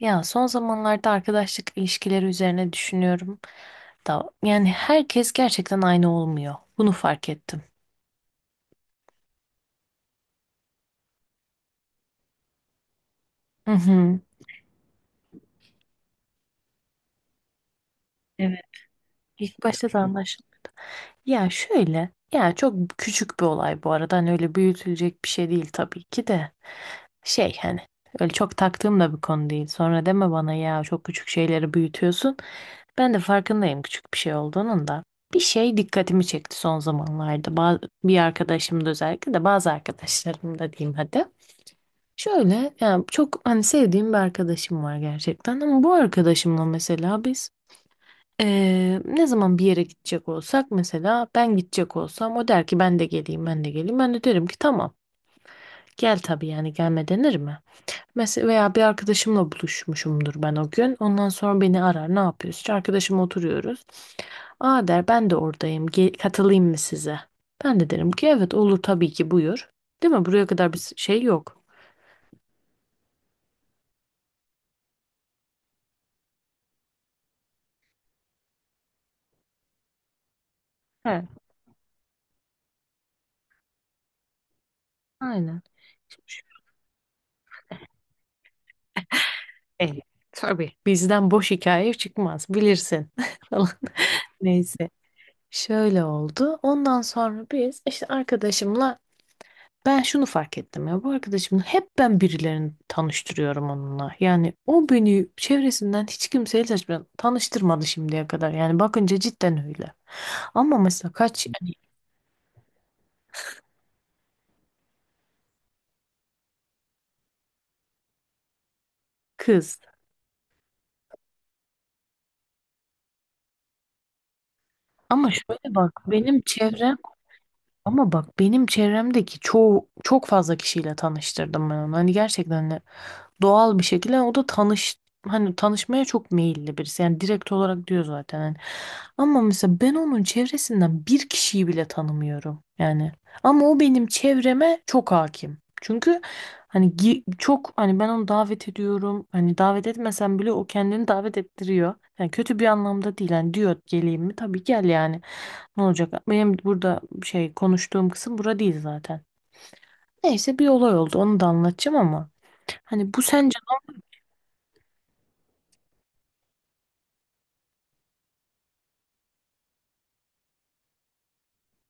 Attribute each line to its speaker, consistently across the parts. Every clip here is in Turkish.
Speaker 1: Ya son zamanlarda arkadaşlık ilişkileri üzerine düşünüyorum da yani herkes gerçekten aynı olmuyor. Bunu fark ettim. Hı hı. Evet. İlk başta da anlaşıldı. Ya şöyle, ya çok küçük bir olay bu arada. Hani öyle büyütülecek bir şey değil tabii ki de. Şey hani öyle çok taktığım da bir konu değil. Sonra deme bana ya çok küçük şeyleri büyütüyorsun. Ben de farkındayım küçük bir şey olduğunun da. Bir şey dikkatimi çekti son zamanlarda. Bazı, bir arkadaşım da özellikle de bazı arkadaşlarım da diyeyim hadi. Şöyle yani çok hani sevdiğim bir arkadaşım var gerçekten ama bu arkadaşımla mesela biz, ne zaman bir yere gidecek olsak mesela ben gidecek olsam o der ki ben de geleyim ben de geleyim, ben de derim ki tamam gel tabii, yani gelme denir mi? Mesela veya bir arkadaşımla buluşmuşumdur ben o gün. Ondan sonra beni arar. Ne yapıyoruz? İşte arkadaşımla oturuyoruz. Aa der, ben de oradayım. Katılayım mı size? Ben de derim ki evet olur tabii ki, buyur. Değil mi? Buraya kadar bir şey yok. He. Aynen. e, tabii. Bizden boş hikaye çıkmaz bilirsin falan. Neyse. Şöyle oldu. Ondan sonra biz işte arkadaşımla, ben şunu fark ettim ya, bu arkadaşım hep ben birilerini tanıştırıyorum onunla. Yani o beni çevresinden hiç kimseyle tanıştırmadı şimdiye kadar. Yani bakınca cidden öyle. Ama mesela kaç yani, kız. Ama şöyle bak benim çevrem, ama bak benim çevremdeki çoğu, çok fazla kişiyle tanıştırdım ben onu. Hani gerçekten doğal bir şekilde. Yani o da tanış, hani tanışmaya çok meyilli birisi. Yani direkt olarak diyor zaten hani. Ama mesela ben onun çevresinden bir kişiyi bile tanımıyorum. Yani ama o benim çevreme çok hakim. Çünkü hani çok hani ben onu davet ediyorum. Hani davet etmesem bile o kendini davet ettiriyor. Yani kötü bir anlamda değil. Hani diyor geleyim mi? Tabii gel yani. Ne olacak? Benim burada şey konuştuğum kısım bura değil zaten. Neyse bir olay oldu. Onu da anlatacağım ama. Hani bu sence.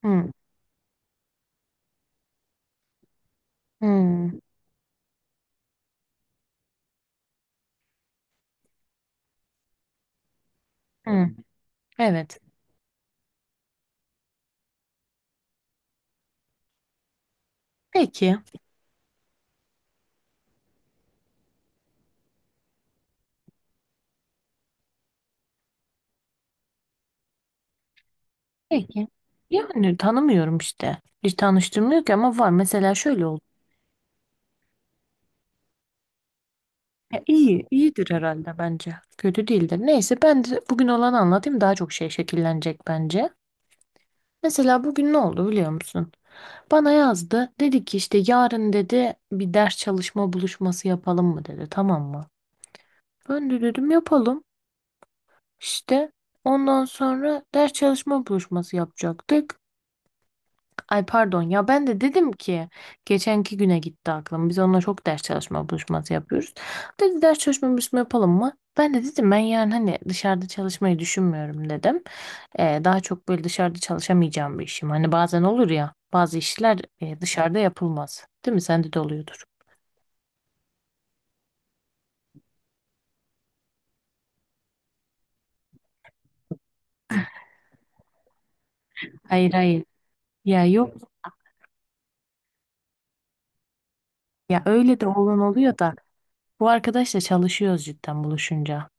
Speaker 1: Hı. Hmm. Hmm, evet. Peki. Peki. Yani tanımıyorum işte. Hiç tanıştırmıyor ki ama var. Mesela şöyle oldu. Ya iyi, iyidir herhalde bence. Kötü değildir. Neyse ben de bugün olanı anlatayım. Daha çok şey şekillenecek bence. Mesela bugün ne oldu biliyor musun? Bana yazdı. Dedi ki işte yarın dedi bir ders çalışma buluşması yapalım mı dedi. Tamam mı? Ben de dedim yapalım. İşte ondan sonra ders çalışma buluşması yapacaktık. Ay pardon ya, ben de dedim ki geçenki güne gitti aklım. Biz onunla çok ders çalışma buluşması yapıyoruz. Dedi ders çalışma buluşması yapalım mı? Ben de dedim ben yani hani dışarıda çalışmayı düşünmüyorum dedim. Daha çok böyle dışarıda çalışamayacağım bir işim. Hani bazen olur ya, bazı işler dışarıda yapılmaz. Değil mi? Sende de oluyordur. Hayır hayır. Ya yok, ya öyle de olan oluyor da bu arkadaşla çalışıyoruz cidden buluşunca.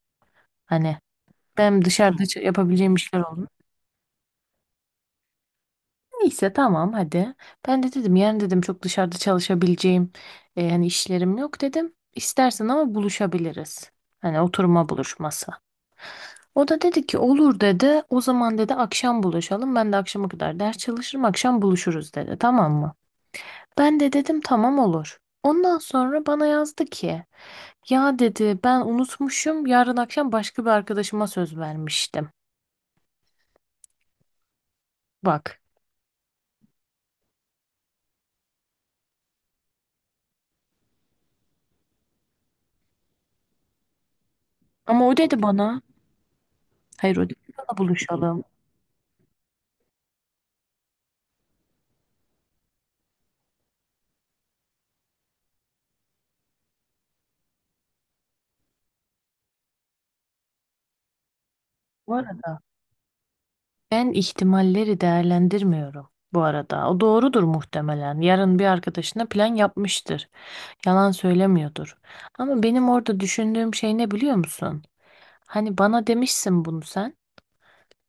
Speaker 1: Hani ben dışarıda yapabileceğim işler oldu. Neyse tamam hadi. Ben de dedim yarın dedim çok dışarıda çalışabileceğim yani işlerim yok dedim. İstersen ama buluşabiliriz. Hani oturma buluşması. O da dedi ki olur dedi. O zaman dedi akşam buluşalım. Ben de akşama kadar ders çalışırım, akşam buluşuruz dedi. Tamam mı? Ben de dedim tamam olur. Ondan sonra bana yazdı ki ya dedi ben unutmuşum, yarın akşam başka bir arkadaşıma söz vermiştim. Bak. Ama o dedi bana, hayır, o dedi bana buluşalım. Bu arada, ben ihtimalleri değerlendirmiyorum bu arada. O doğrudur muhtemelen. Yarın bir arkadaşına plan yapmıştır. Yalan söylemiyordur. Ama benim orada düşündüğüm şey ne biliyor musun? Hani bana demişsin bunu sen.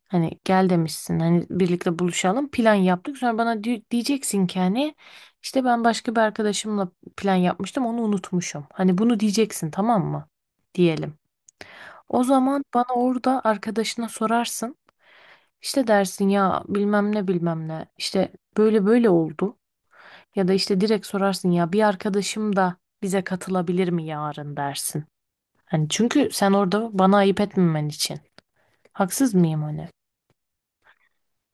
Speaker 1: Hani gel demişsin. Hani birlikte buluşalım. Plan yaptık. Sonra bana diyeceksin ki hani işte ben başka bir arkadaşımla plan yapmıştım, onu unutmuşum. Hani bunu diyeceksin, tamam mı? Diyelim. O zaman bana orada arkadaşına sorarsın. İşte dersin ya bilmem ne bilmem ne, işte böyle böyle oldu, ya da işte direkt sorarsın, ya bir arkadaşım da bize katılabilir mi yarın dersin. Hani çünkü sen orada bana ayıp etmemen için. Haksız mıyım hani?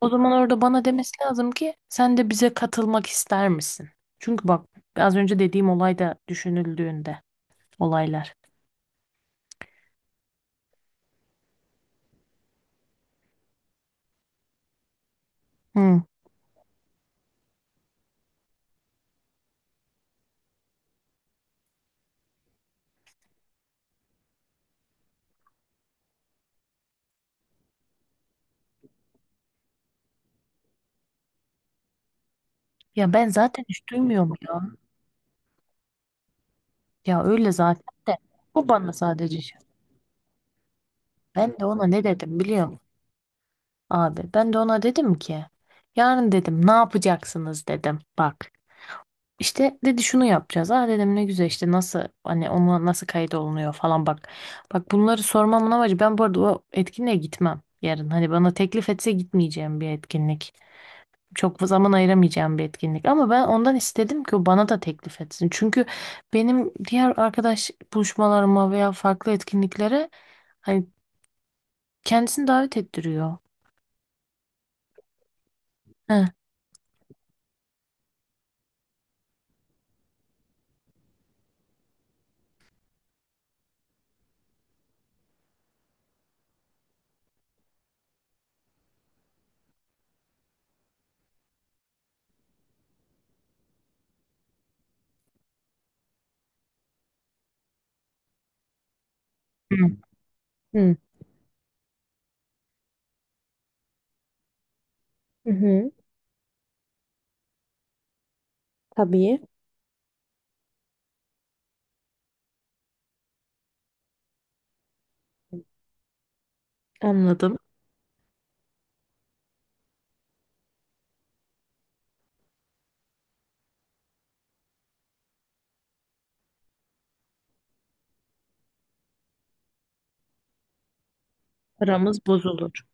Speaker 1: O zaman orada bana demesi lazım ki sen de bize katılmak ister misin? Çünkü bak, az önce dediğim olay da düşünüldüğünde, olaylar. Hı. Ya ben zaten hiç duymuyorum ya. Ya öyle zaten de bu bana sadece şey. Ben de ona ne dedim biliyor musun? Abi ben de ona dedim ki yarın dedim ne yapacaksınız dedim, bak işte dedi şunu yapacağız, ha dedim ne güzel, işte nasıl hani ona nasıl kayıt olunuyor falan, bak bak bunları sormamın amacı, ben bu arada o etkinliğe gitmem yarın, hani bana teklif etse gitmeyeceğim bir etkinlik, çok zaman ayıramayacağım bir etkinlik, ama ben ondan istedim ki o bana da teklif etsin, çünkü benim diğer arkadaş buluşmalarıma veya farklı etkinliklere hani kendisini davet ettiriyor. Heh. Hı. Hı. Hı hı. Tabii, anladım. Aramız bozulur.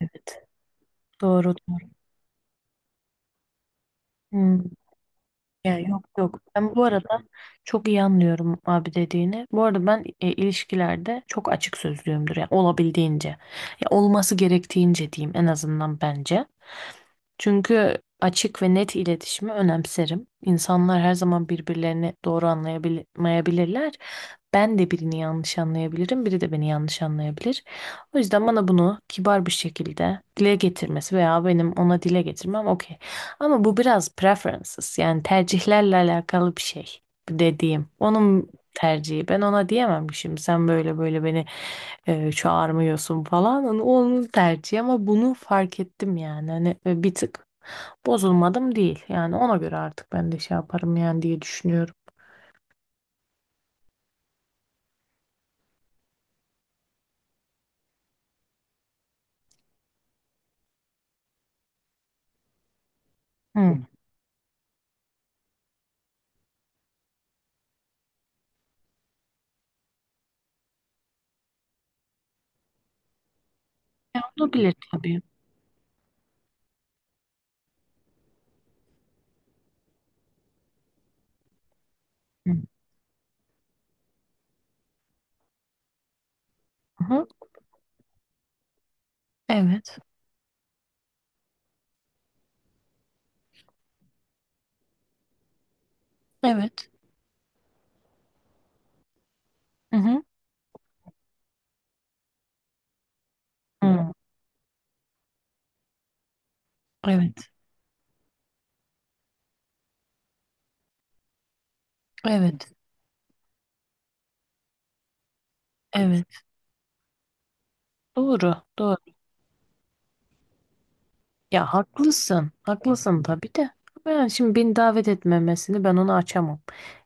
Speaker 1: Evet. Doğru doğru. Hmm. Ya yok yok. Ben bu arada çok iyi anlıyorum abi dediğini. Bu arada ben ilişkilerde çok açık sözlüyümdür. Yani olabildiğince. Ya olması gerektiğince diyeyim en azından bence. Çünkü açık ve net iletişimi önemserim. İnsanlar her zaman birbirlerini doğru anlayamayabilirler. Ben de birini yanlış anlayabilirim, biri de beni yanlış anlayabilir. O yüzden bana bunu kibar bir şekilde dile getirmesi veya benim ona dile getirmem okey. Ama bu biraz preferences, yani tercihlerle alakalı bir şey dediğim. Onun tercihi. Ben ona diyemem ki şimdi sen böyle böyle beni çağırmıyorsun falan. Hani onun tercihi, ama bunu fark ettim yani. Hani bir tık bozulmadım değil. Yani ona göre artık ben de şey yaparım yani diye düşünüyorum. Hı. Olabilir tabii. Hı. Hı. Evet. Evet. Hı hı. Hı. Evet. Evet. Evet. Doğru, doğru. Ya haklısın, haklısın tabii de. Ben şimdi beni davet etmemesini ben onu açamam.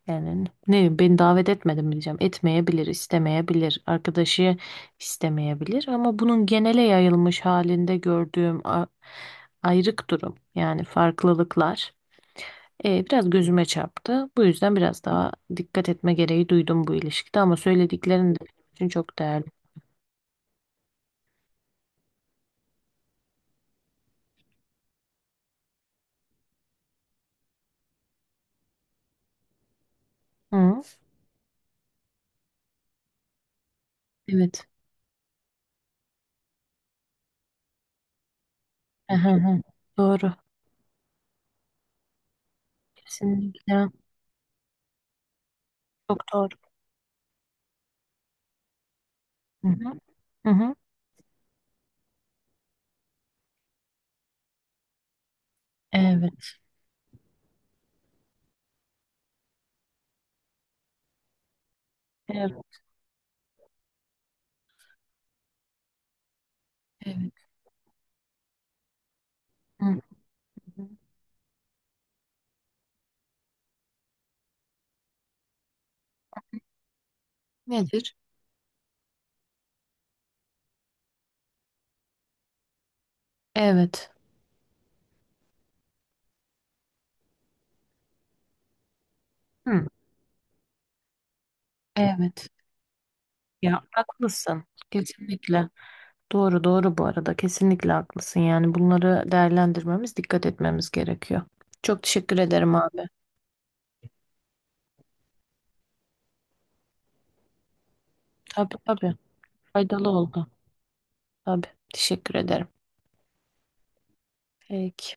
Speaker 1: Yani ne, beni davet etmedi mi diyeceğim. Etmeyebilir, istemeyebilir, arkadaşı istemeyebilir, ama bunun genele yayılmış halinde gördüğüm ayrık durum, yani farklılıklar, biraz gözüme çarptı. Bu yüzden biraz daha dikkat etme gereği duydum bu ilişkide, ama söylediklerin de benim için çok değerli. Hı, evet. Aha, aha. Doğru. Kesinlikle. Çok doğru. Hı hı. Hı hı. Evet. Evet. Evet. Hı hı. Nedir? Evet. Hı. Evet. Ya haklısın. Kesinlikle. Doğru doğru bu arada. Kesinlikle haklısın. Yani bunları değerlendirmemiz, dikkat etmemiz gerekiyor. Çok teşekkür ederim abi. Tabii tabii. Faydalı oldu. Tabii. Teşekkür ederim. Peki.